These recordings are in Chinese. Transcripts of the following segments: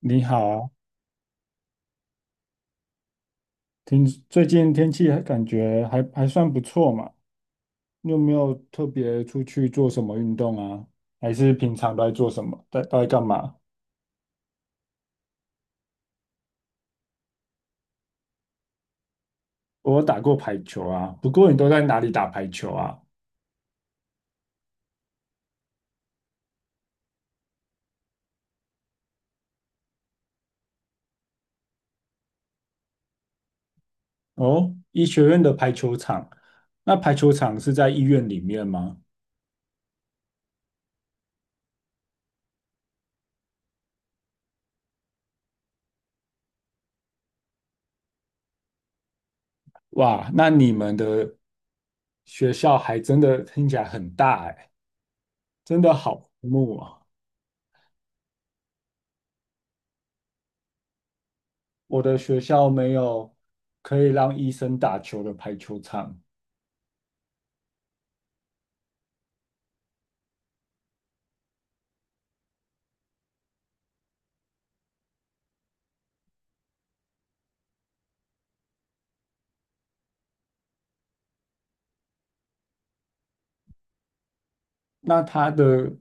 你好，啊，听，最近天气还感觉还还算不错嘛？你有没有特别出去做什么运动啊？还是平常都在做什么？都在干嘛？我有打过排球啊，不过你都在哪里打排球啊？哦，医学院的排球场，那排球场是在医院里面吗？哇，那你们的学校还真的听起来很大哎，真的好羡慕啊！我的学校没有可以让医生打球的排球场。那它的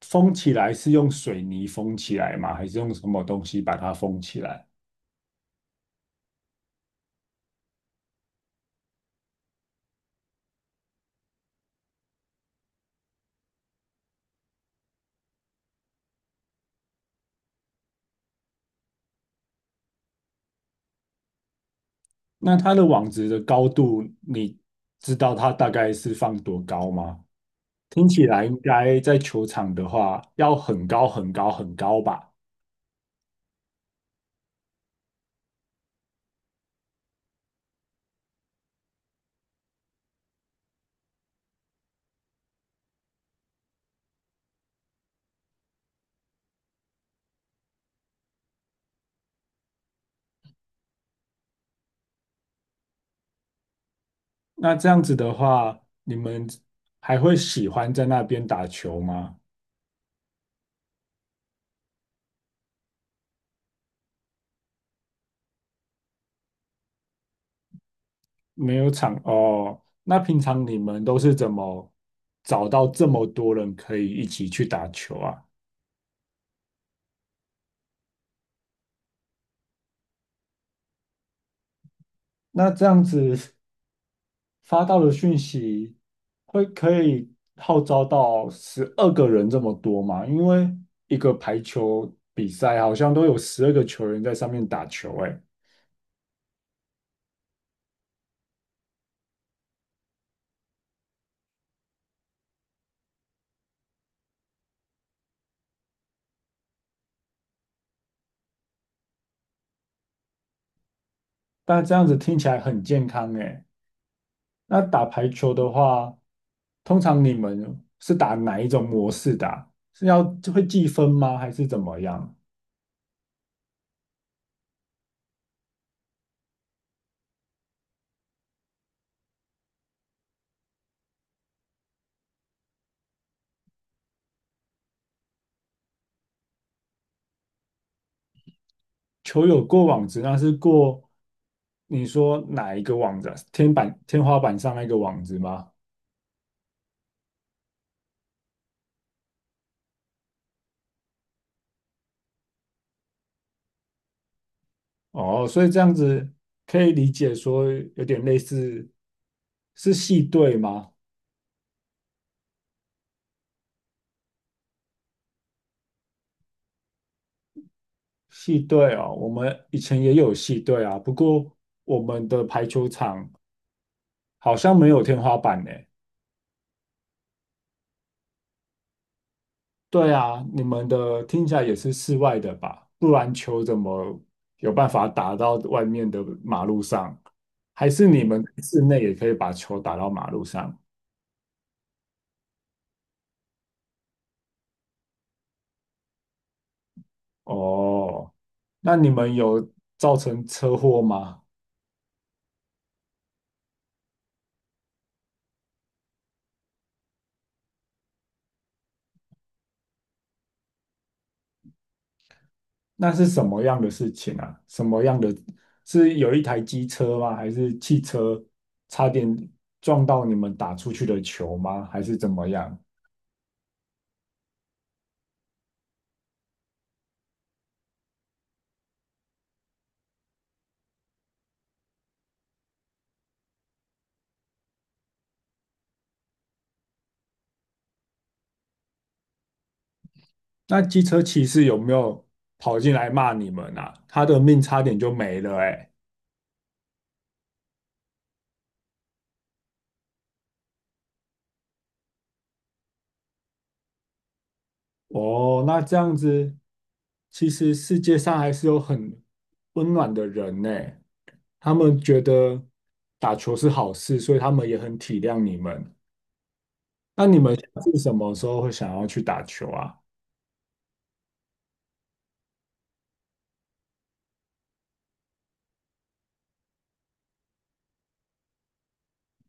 封起来是用水泥封起来吗？还是用什么东西把它封起来？那它的网子的高度，你知道它大概是放多高吗？听起来应该在球场的话要很高很高很高吧？那这样子的话，你们还会喜欢在那边打球吗？没有场哦，那平常你们都是怎么找到这么多人可以一起去打球啊？那这样子发到的讯息会可以号召到12个人这么多嘛？因为一个排球比赛好像都有12个球员在上面打球，哎，但这样子听起来很健康，哎。那打排球的话，通常你们是打哪一种模式的啊是要会计分吗？还是怎么样？球有过网子，那是过你说哪一个网子啊天板、天花板上那个网子吗？哦，所以这样子可以理解说有点类似是系队吗？系队哦，我们以前也有系队啊，不过我们的排球场好像没有天花板呢。对啊，你们的听起来也是室外的吧？不然球怎么有办法打到外面的马路上？还是你们室内也可以把球打到马路上？哦，那你们有造成车祸吗？那是什么样的事情啊？什么样的？是有一台机车吗？还是汽车差点撞到你们打出去的球吗？还是怎么样？那机车骑士有没有跑进来骂你们啊？他的命差点就没了哎、哦，那这样子，其实世界上还是有很温暖的人呢、他们觉得打球是好事，所以他们也很体谅你们。那你们是什么时候会想要去打球啊？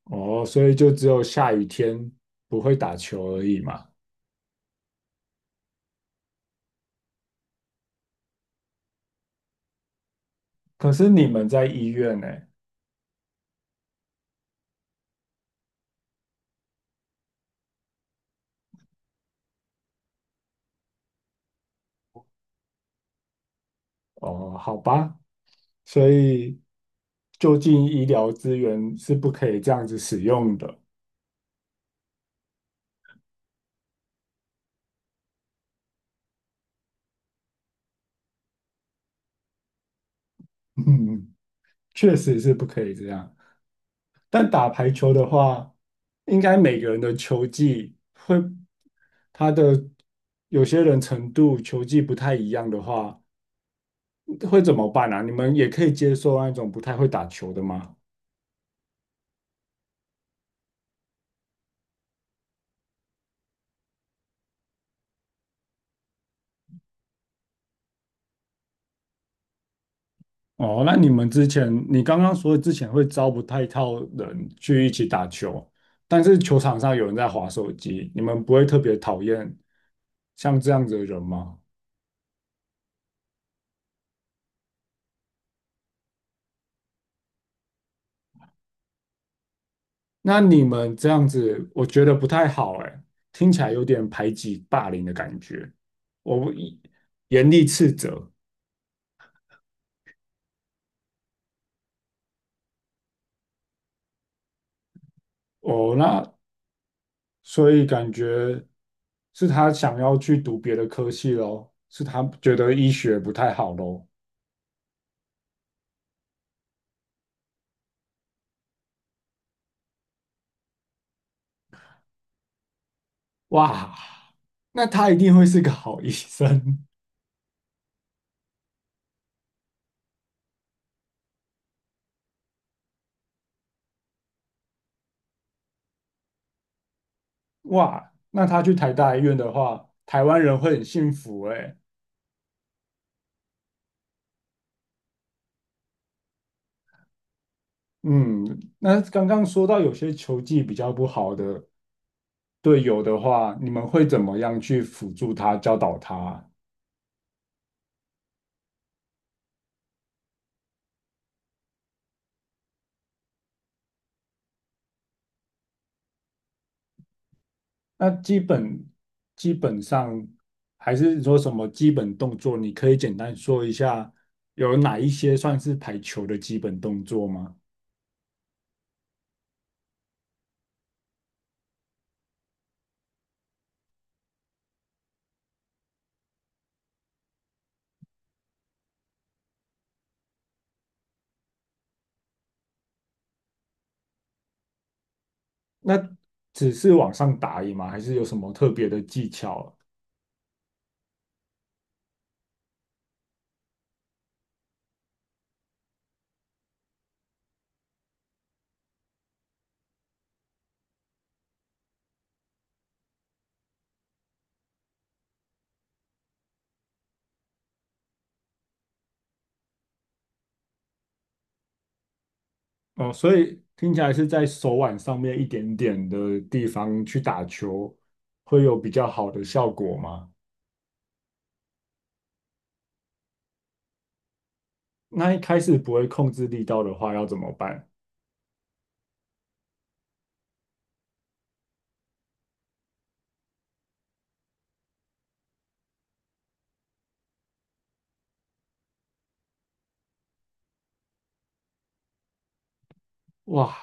哦，所以就只有下雨天不会打球而已嘛。可是你们在医院呢？哦，好吧，所以就近医疗资源是不可以这样子使用的。嗯，确实是不可以这样。但打排球的话，应该每个人的球技会，他的有些人程度球技不太一样的话，会怎么办啊？你们也可以接受那种不太会打球的吗？哦，那你们之前，你刚刚说之前会招不太到人去一起打球，但是球场上有人在划手机，你们不会特别讨厌像这样子的人吗？那你们这样子，我觉得不太好，哎，听起来有点排挤霸凌的感觉。我不一严厉斥责，哦，那所以感觉是他想要去读别的科系咯，是他觉得医学不太好咯。哇，那他一定会是个好医生。哇，那他去台大医院的话，台湾人会很幸福诶。嗯，那刚刚说到有些球技比较不好的队友的话，你们会怎么样去辅助他、教导他？那基本上还是说什么基本动作，你可以简单说一下有哪一些算是排球的基本动作吗？那只是往上打而已吗？还是有什么特别的技巧？哦，所以听起来是在手腕上面一点点的地方去打球，会有比较好的效果吗？那一开始不会控制力道的话，要怎么办？哇，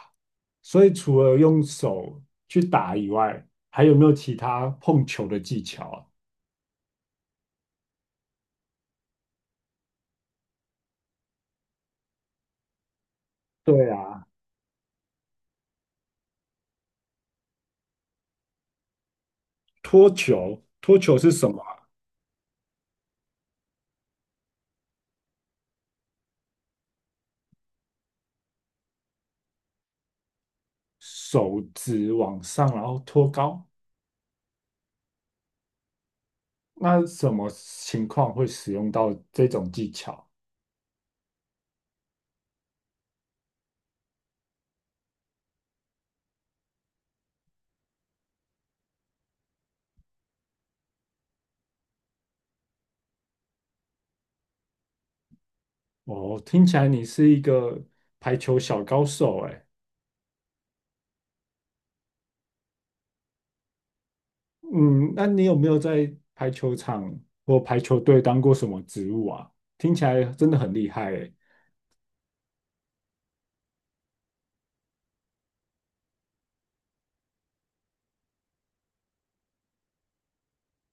所以除了用手去打以外，还有没有其他碰球的技巧啊？对啊，托球，托球是什么啊手指往上，然后托高。那什么情况会使用到这种技巧？哦，听起来你是一个排球小高手哎。嗯，那你有没有在排球场或排球队当过什么职务啊？听起来真的很厉害哎。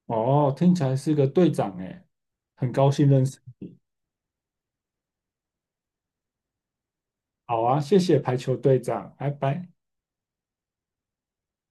哦，听起来是个队长哎，很高兴认识你。好啊，谢谢排球队长，拜拜。